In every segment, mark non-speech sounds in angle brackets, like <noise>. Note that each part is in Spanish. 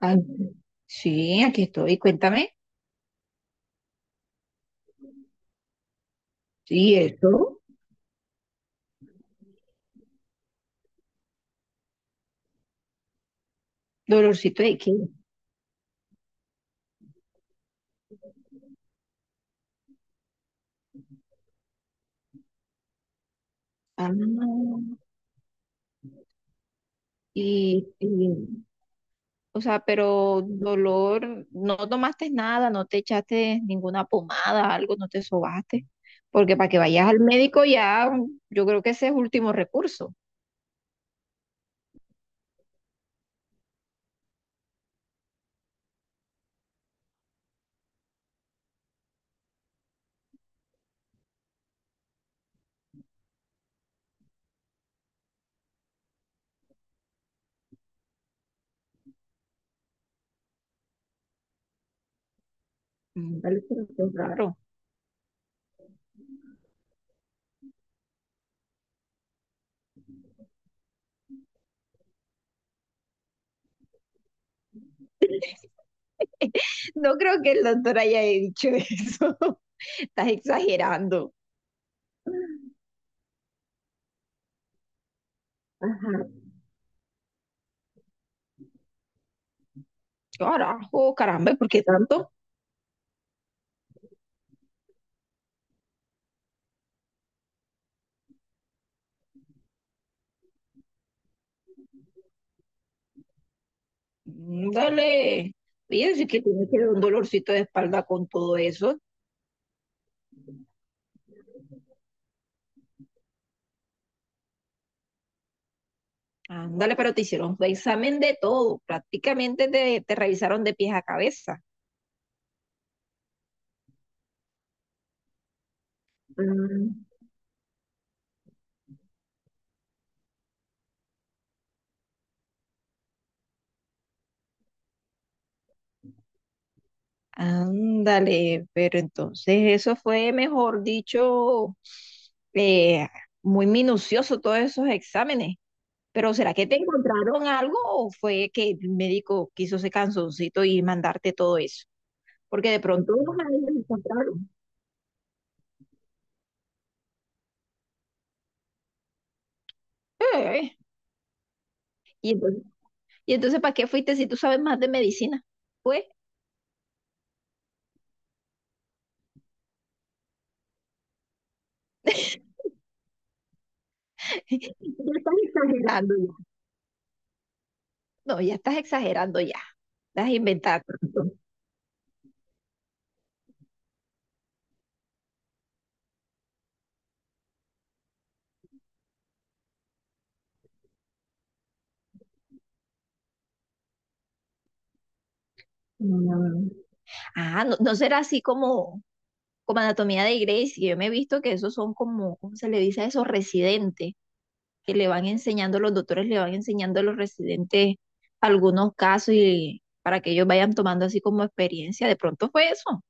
Ay, sí, aquí estoy, cuéntame. Sí, eso, dolorcito de qué. Ah, y, y, o sea, pero dolor, no tomaste nada, no te echaste ninguna pomada, algo, no te sobaste, porque para que vayas al médico ya, yo creo que ese es último recurso. Mm, vale, pero qué raro. <laughs> No creo que el doctor haya dicho eso. <laughs> Estás exagerando. Ajá. Carajo, caramba, ¿por qué tanto? Mm, dale. Oye, sí que tienes que dar un dolorcito de espalda con todo eso. Ándale, pero te hicieron un examen de todo. Prácticamente te revisaron de pies a cabeza. Mm, ándale, pero entonces eso fue, mejor dicho, eh, muy minucioso todos esos exámenes. Pero ¿será que te encontraron algo o fue que el médico quiso ese canzoncito y mandarte todo eso? Porque de pronto unos ahí los encontraron. Eh, Y entonces, y entonces, ¿para qué fuiste si tú sabes más de medicina? Pues, <laughs> ya estás exagerando ya. No, ya estás exagerando ya. Estás inventando. Mm. Ah, no, no será así como, como anatomía de Grey, que yo me he visto que esos son como, ¿cómo se le dice a esos residentes? Que le van enseñando, los doctores le van enseñando a los residentes algunos casos y para que ellos vayan tomando así como experiencia. De pronto fue eso.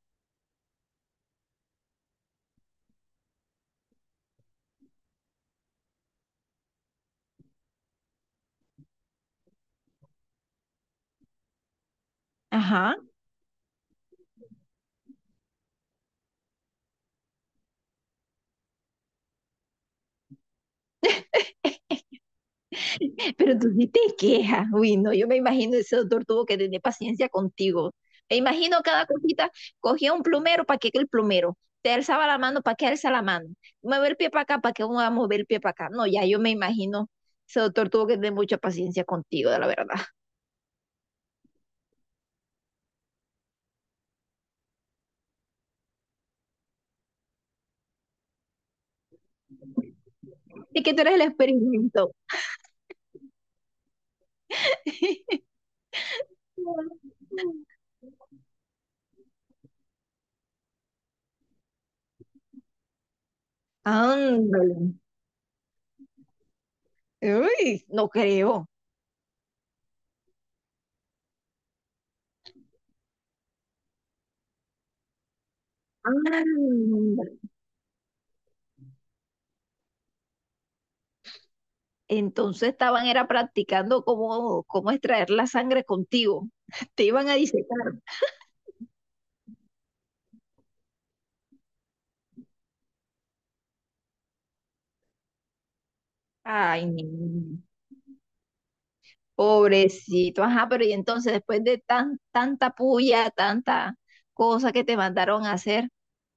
Ajá. Pero tú sí te quejas, uy, no, yo me imagino ese doctor tuvo que tener paciencia contigo. Me imagino cada cosita, cogía un plumero, ¿para qué que el plumero? Te alzaba la mano, ¿para qué alza la mano? Mueve el pie para acá, ¿para qué uno va a mover el pie para acá? No, ya yo me imagino, ese doctor tuvo que tener mucha paciencia contigo, de la verdad. <laughs> Y que tú eres el experimento. <laughs> Ándale. Uy, no creo. Ándale. Entonces estaban era practicando cómo, cómo extraer la sangre contigo. Te iban a disecar. Ay, niño, pobrecito, ajá, pero y entonces después de tan, tanta puya, tanta cosa que te mandaron a hacer,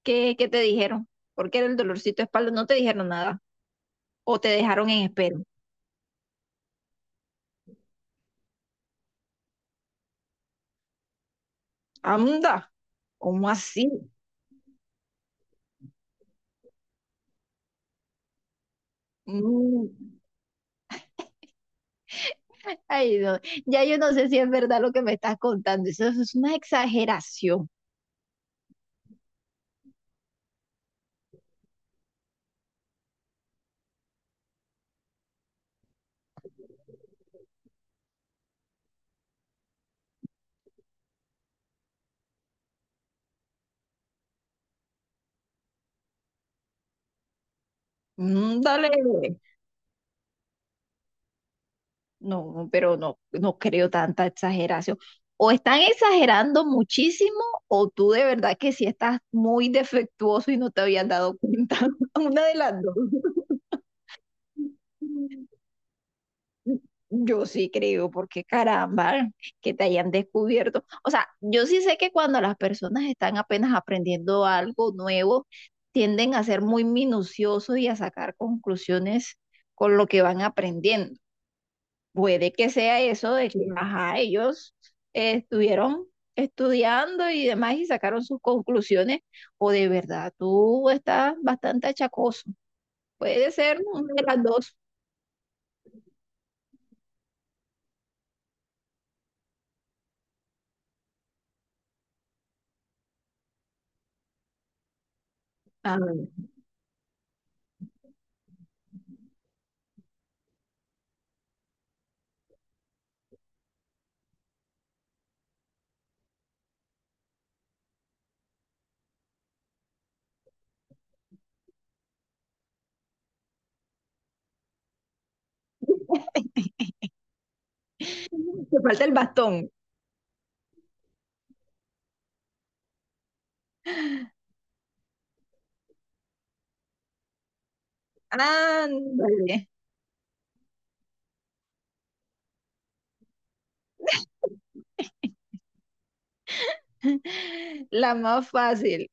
¿qué, qué te dijeron? Porque era el dolorcito de espalda, no te dijeron nada, o te dejaron en espera. Anda, ¿cómo así? Mm, ay, no, ya yo no sé si es verdad lo que me estás contando, eso, es una exageración. Mm, dale. No, pero no, no creo tanta exageración. O están exagerando muchísimo, o tú de verdad que sí estás muy defectuoso y no te habías dado cuenta. <laughs> Una de las dos. Yo sí creo, porque caramba, que te hayan descubierto. O sea, yo sí sé que cuando las personas están apenas aprendiendo algo nuevo, tienden a ser muy minuciosos y a sacar conclusiones con lo que van aprendiendo. Puede que sea eso de que, ajá, ellos estuvieron estudiando y demás y sacaron sus conclusiones, o de verdad tú estás bastante achacoso. Puede ser una de las dos. Ah, te falta el bastón. Ándale, <laughs> la más fácil.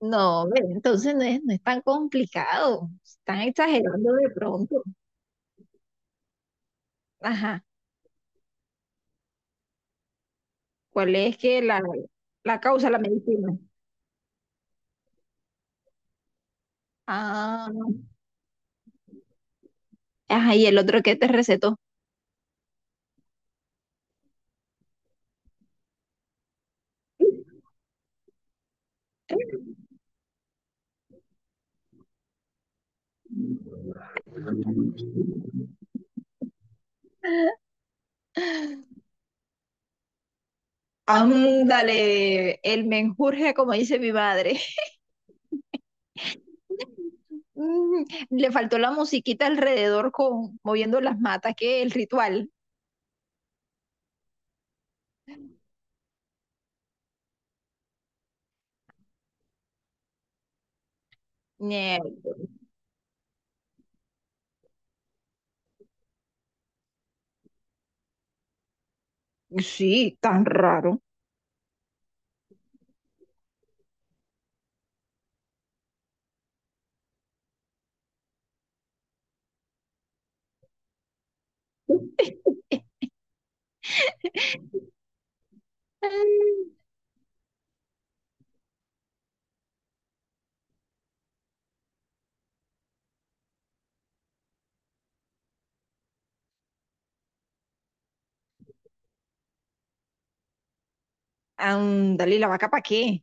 No, ve, entonces no es, no es tan complicado. Están exagerando de pronto. Ajá. ¿Cuál es que la causa, la medicina? Ah, ajá, y el otro que te recetó. Ándale, el menjurje, como dice mi madre. <laughs> Mm, le faltó la musiquita alrededor con moviendo las matas, que el ritual. Nie- Sí, tan raro. Mm, ándale, ¿y la vaca para qué?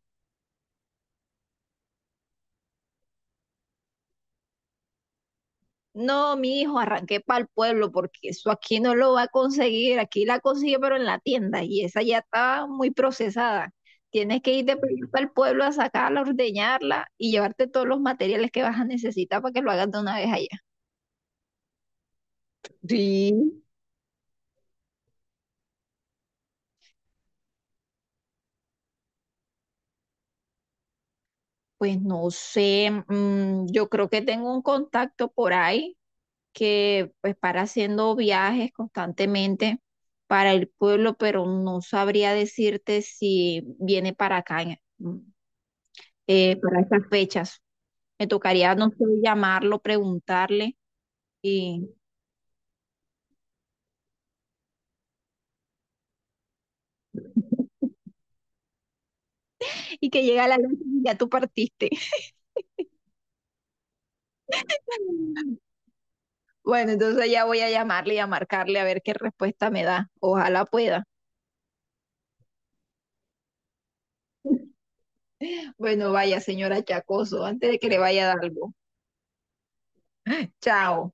No, mi hijo, arranqué para el pueblo porque eso aquí no lo va a conseguir. Aquí la consigue, pero en la tienda y esa ya está muy procesada. Tienes que ir de para el pueblo a sacarla, ordeñarla y llevarte todos los materiales que vas a necesitar para que lo hagas de una vez allá. Sí. Pues no sé, mm, yo creo que tengo un contacto por ahí que pues para haciendo viajes constantemente para el pueblo, pero no sabría decirte si viene para acá en- mm, para estas fechas. Me tocaría, no sé, llamarlo, preguntarle y, y que llega la noche y ya tú partiste. <laughs> Bueno, entonces ya voy a llamarle y a marcarle a ver qué respuesta me da. Ojalá pueda. Bueno, vaya, señora Chacoso, antes de que le vaya a dar algo. Chao.